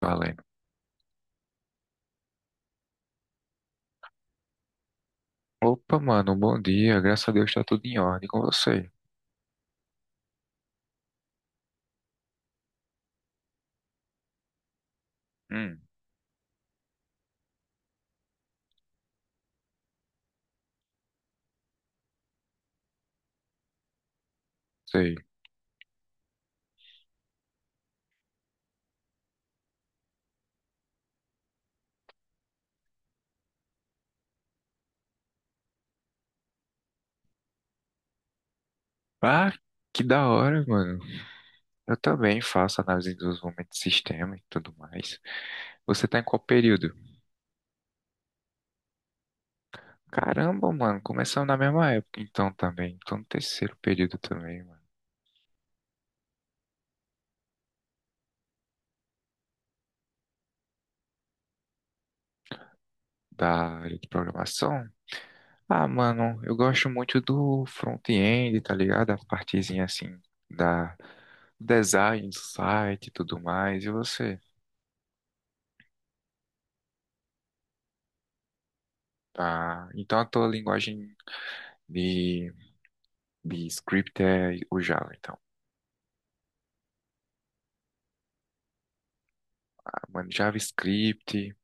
Vale. Opa, mano, bom dia. Graças a Deus tá tudo em ordem com você. Hum, sei. Ah, que da hora, mano. Eu também faço análise de desenvolvimento de sistema e tudo mais. Você tá em qual período? Caramba, mano, começamos na mesma época então também. Tô no terceiro período também, mano, da área de programação. Ah, mano, eu gosto muito do front-end, tá ligado? A partezinha assim da design, do site e tudo mais. E você? Tá. Então a tua linguagem De, de script é o Java, então. Ah, mano, JavaScript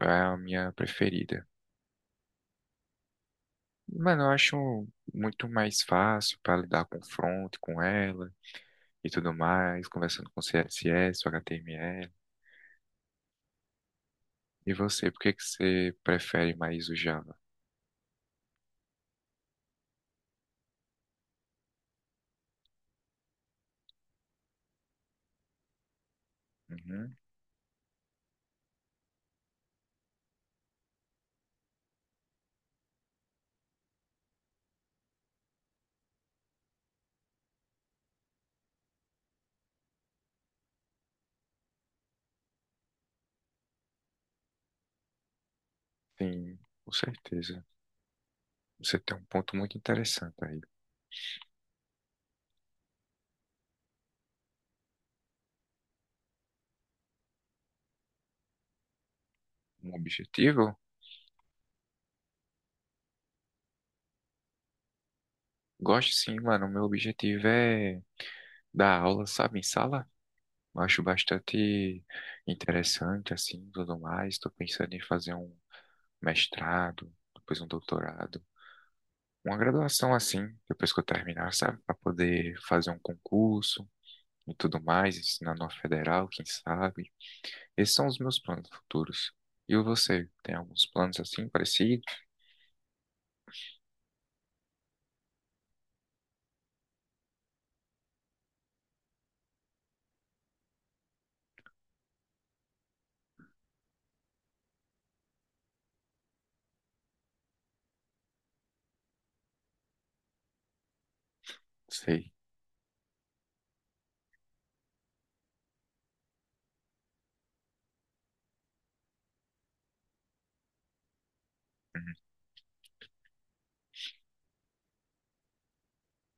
é a minha preferida. Mano, eu acho muito mais fácil para lidar com front, com ela e tudo mais, conversando com CSS, HTML. E você, por que que você prefere mais o Java? Uhum, sim, com certeza. Você tem um ponto muito interessante aí. Um objetivo? Gosto sim, mano. O meu objetivo é dar aula, sabe, em sala. Eu acho bastante interessante, assim, tudo mais. Estou pensando em fazer um mestrado, depois um doutorado, uma graduação assim, depois que eu terminar, sabe? Para poder fazer um concurso e tudo mais, ensinar numa federal, quem sabe. Esses são os meus planos futuros. E você, tem alguns planos assim, parecidos? Sei, uhum,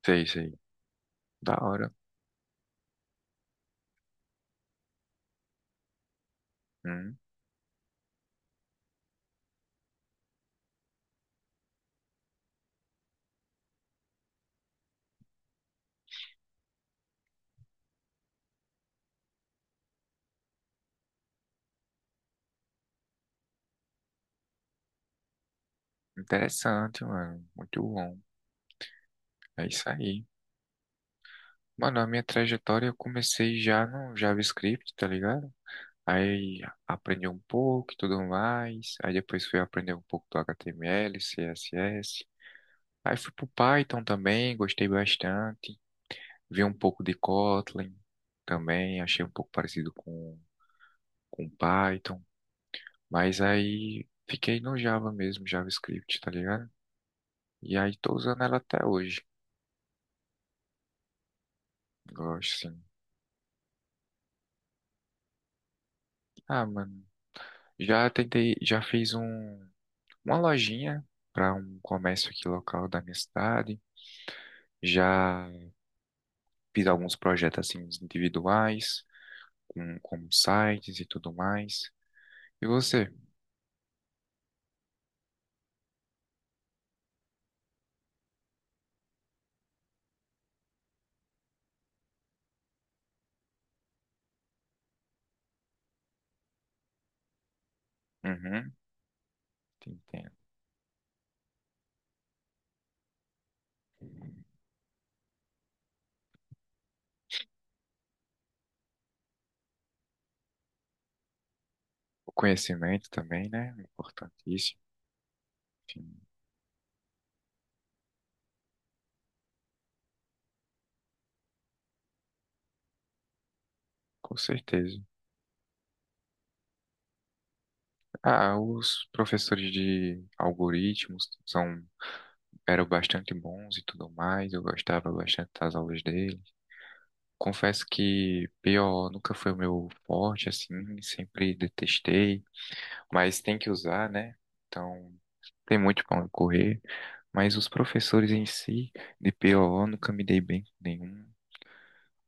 sei, sei. Da hora. Hum, Interessante, mano. Muito bom. É isso aí. Mano, a minha trajetória eu comecei já no JavaScript, tá ligado? Aí aprendi um pouco e tudo mais. Aí depois fui aprender um pouco do HTML, CSS. Aí fui pro Python também, gostei bastante. Vi um pouco de Kotlin também, achei um pouco parecido com Python. Mas aí fiquei no Java mesmo, JavaScript, tá ligado? E aí tô usando ela até hoje. Gosto sim. Ah, mano, já tentei, já fiz um, uma lojinha para um comércio aqui local da minha cidade. Já fiz alguns projetos assim individuais, com sites e tudo mais. E você? Uhum, entendo. O conhecimento também, né? É importantíssimo. Enfim, com certeza. Ah, os professores de algoritmos são, eram bastante bons e tudo mais. Eu gostava bastante das aulas deles. Confesso que PO nunca foi o meu forte, assim, sempre detestei, mas tem que usar, né? Então, tem muito para onde correr. Mas os professores em si, de PO, nunca me dei bem com nenhum.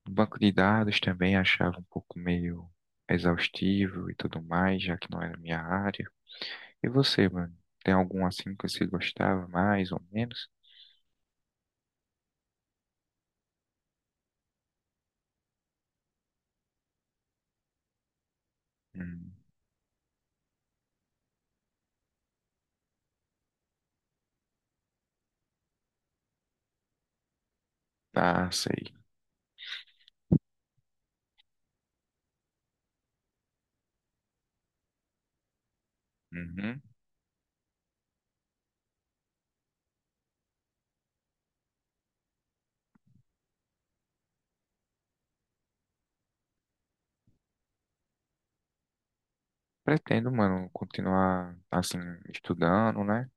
O banco de dados também achava um pouco meio exaustivo e tudo mais, já que não era minha área. E você, mano? Tem algum assim que você gostava mais ou menos? Hum, tá, sei. Uhum. Pretendo, mano, continuar assim, estudando, né?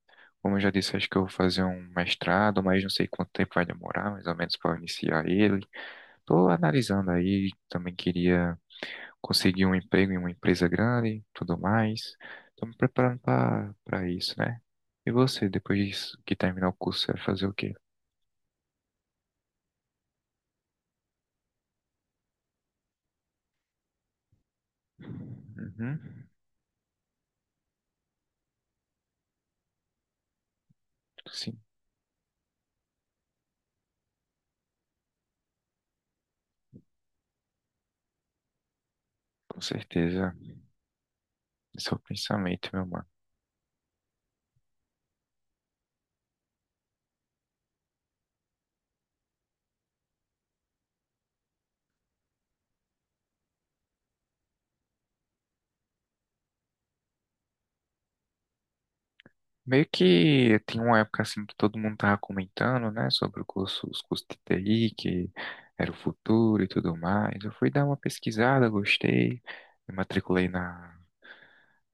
Como eu já disse, acho que eu vou fazer um mestrado, mas não sei quanto tempo vai demorar, mais ou menos, para iniciar ele. Tô analisando aí, também queria conseguir um emprego em uma empresa grande, tudo mais. Estou me preparando para para isso, né? E você, depois disso, que terminar o curso, você vai fazer o quê? Uhum. Sim, com certeza. Esse é o pensamento, meu mano. Meio que tem uma época assim que todo mundo tava comentando, né, sobre o curso, os cursos de TI, que era o futuro e tudo mais. Eu fui dar uma pesquisada, gostei, me matriculei na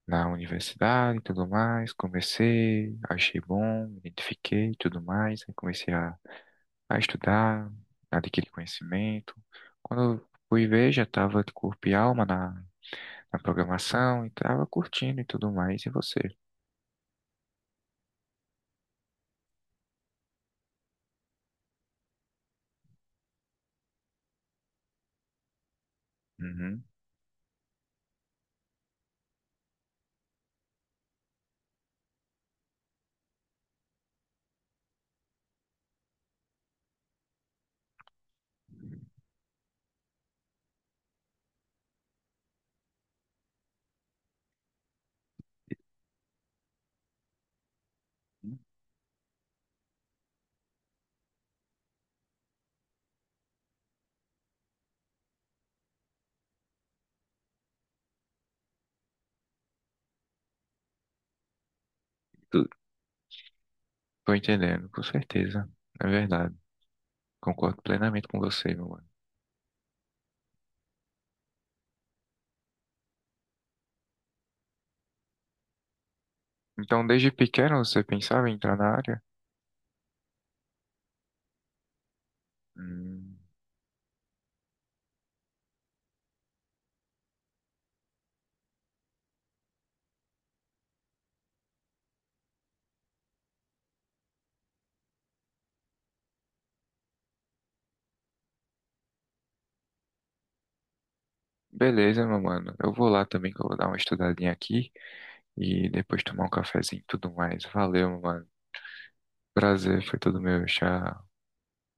na universidade e tudo mais. Comecei, achei bom, me identifiquei e tudo mais. Aí comecei a estudar, adquirir conhecimento. Quando eu fui ver, já estava de corpo e alma na, na programação e estava curtindo e tudo mais. E você? Uhum. Tu- Tô entendendo, com certeza. É verdade. Concordo plenamente com você, meu mano. Então, desde pequeno você pensava em entrar na área? Hum, Beleza, meu mano. Eu vou lá também, que eu vou dar uma estudadinha aqui e depois tomar um cafezinho e tudo mais. Valeu, meu mano. Prazer, foi todo meu. Tchau.